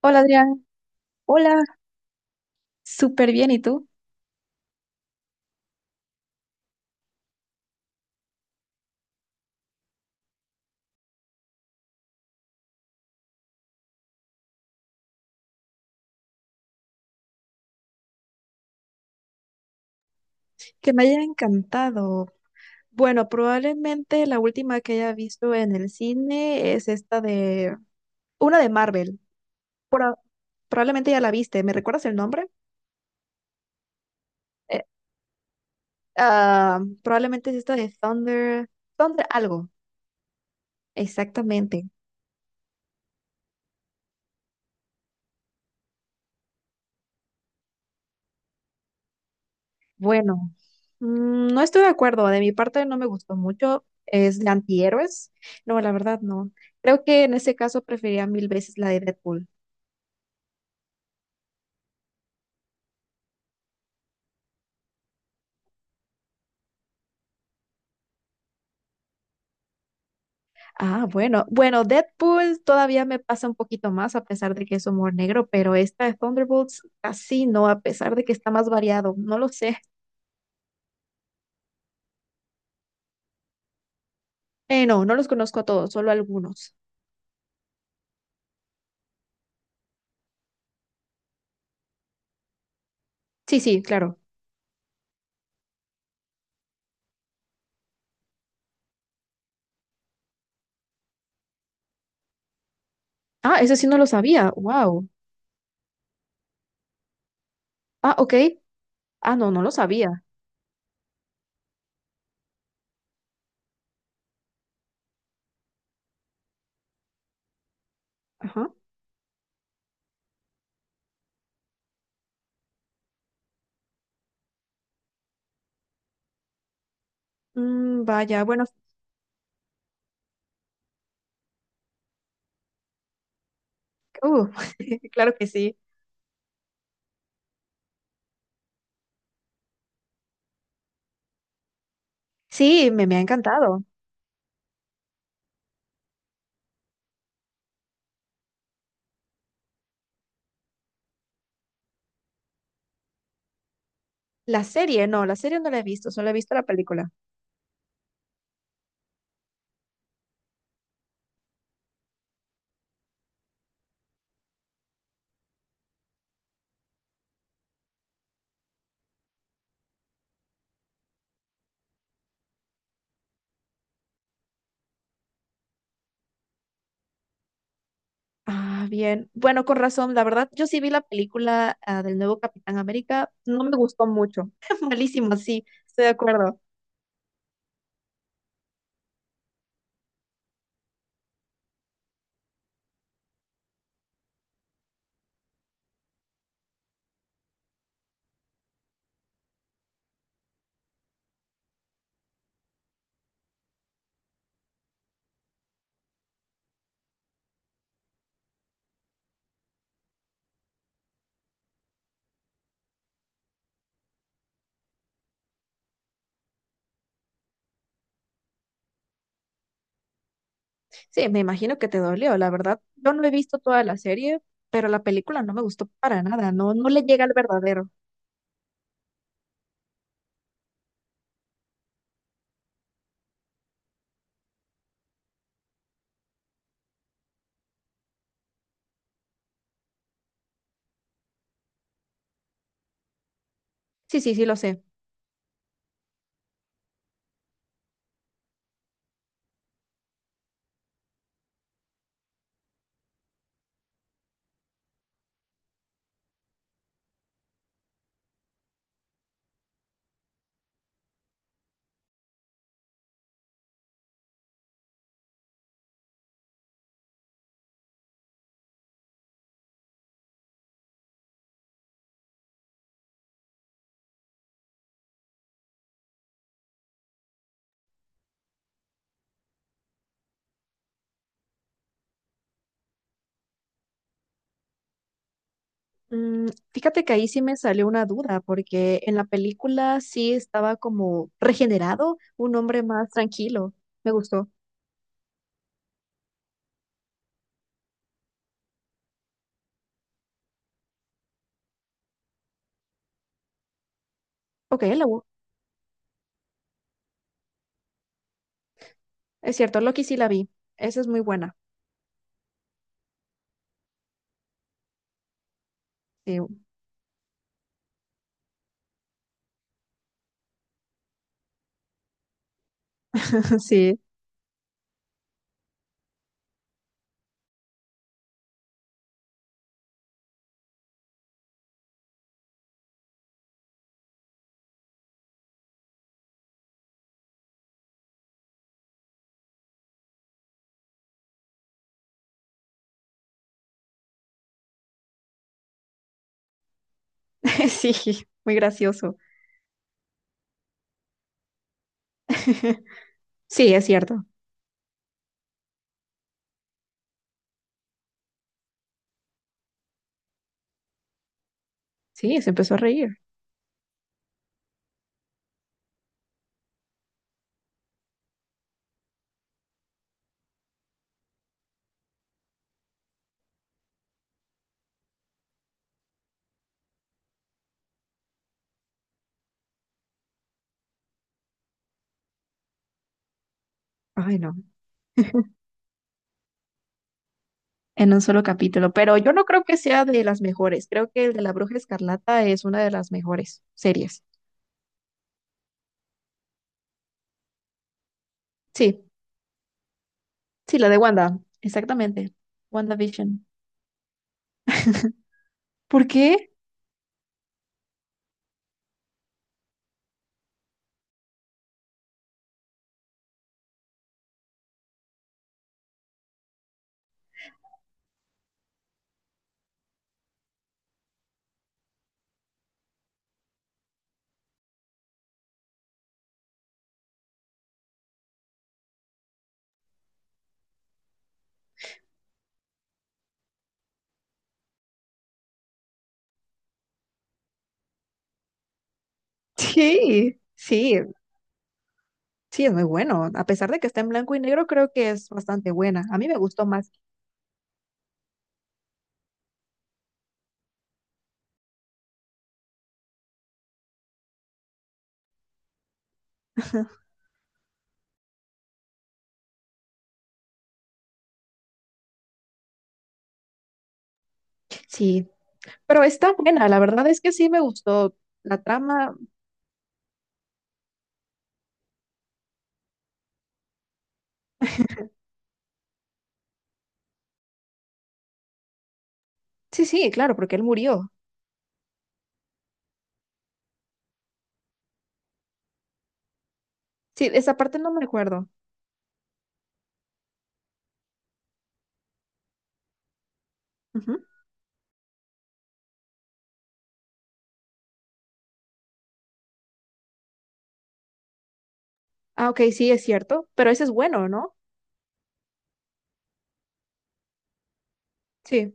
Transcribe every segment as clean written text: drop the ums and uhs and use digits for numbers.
Hola Adrián, hola, súper bien, ¿y tú? Que me haya encantado. Bueno, probablemente la última que haya visto en el cine es esta de... Una de Marvel. Pro- probablemente ya la viste. ¿Me recuerdas el nombre? Eh, probablemente es esta de Thunder... Thunder algo. Exactamente. Bueno, no estoy de acuerdo. De mi parte no me gustó mucho. Es de antihéroes. No, la verdad no. Creo que en ese caso preferiría mil veces la de Deadpool. Ah, bueno. Bueno, Deadpool todavía me pasa un poquito más a pesar de que es humor negro, pero esta de Thunderbolts casi no, a pesar de que está más variado. No lo sé. No, no los conozco a todos, solo algunos. Sí, sí, claro. Ah, eso sí no lo sabía. Wow. Ah, ok. Ah, no, no lo sabía. Ajá. Mm, vaya, bueno, uh, claro que sí. Sí, me ha encantado. La serie, no, la serie no la he visto, solo he visto la película. Ah, bien. Bueno, con razón, la verdad, yo sí vi la película ah, del nuevo Capitán América, no me gustó mucho. Malísimo, sí, estoy de acuerdo. Sí, me imagino que te dolió, la verdad. Yo no he visto toda la serie, pero la película no me gustó para nada, no, no le llega al verdadero. Sí, sí, sí, lo sé. Mm, fíjate que ahí sí me salió una duda, porque en la película sí estaba como regenerado, un hombre más tranquilo. Me gustó. Ok, la, bu- es cierto, Loki sí la vi. Esa es muy buena. Sí, sí. Sí, muy gracioso. Sí, es cierto. Sí, se empezó a reír. Ay, no. En un solo capítulo. Pero yo no creo que sea de las mejores. Creo que el de la Bruja Escarlata es una de las mejores series. Sí, sí, la de Wanda. Exactamente. WandaVision. ¿Por qué? Sí, sí, sí, es muy bueno. A pesar de que está en blanco y negro, creo que es bastante buena. A mí me gustó más. Sí, pero está buena, la verdad es que sí me gustó la trama. Sí, sí, claro, porque él murió. Sí, esa parte no me acuerdo. Ujú. Ah, ok, sí, es cierto, pero ese es bueno, ¿no? Sí.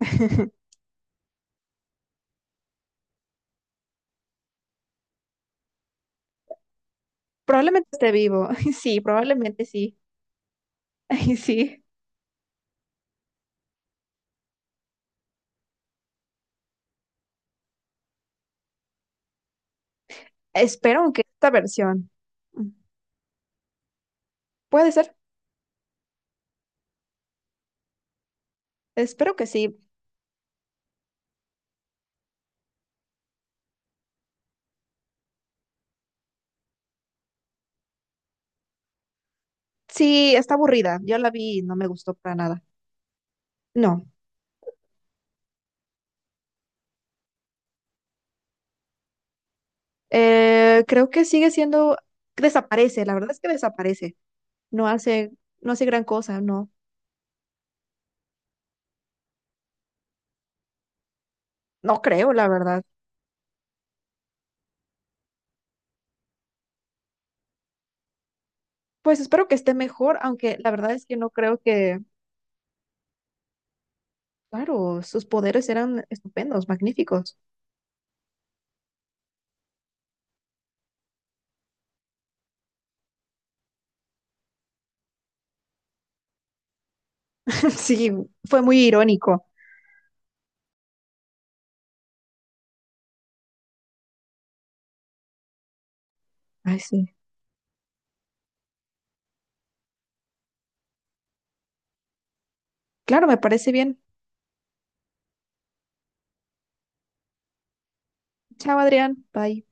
Probablemente esté vivo. Sí, probablemente sí. Ay, sí. Espero que esta versión. Mm, puede ser. Espero que sí. Sí, está aburrida. Yo la vi y no me gustó para nada. No. Creo que sigue siendo. Desaparece. La verdad es que desaparece. No hace, no hace gran cosa. No. No creo, la verdad. Pues espero que esté mejor, aunque la verdad es que no creo que claro, sus poderes eran estupendos, magníficos. Sí, fue muy irónico. Ay, sí. Claro, me parece bien. Chao, Adrián. Bye.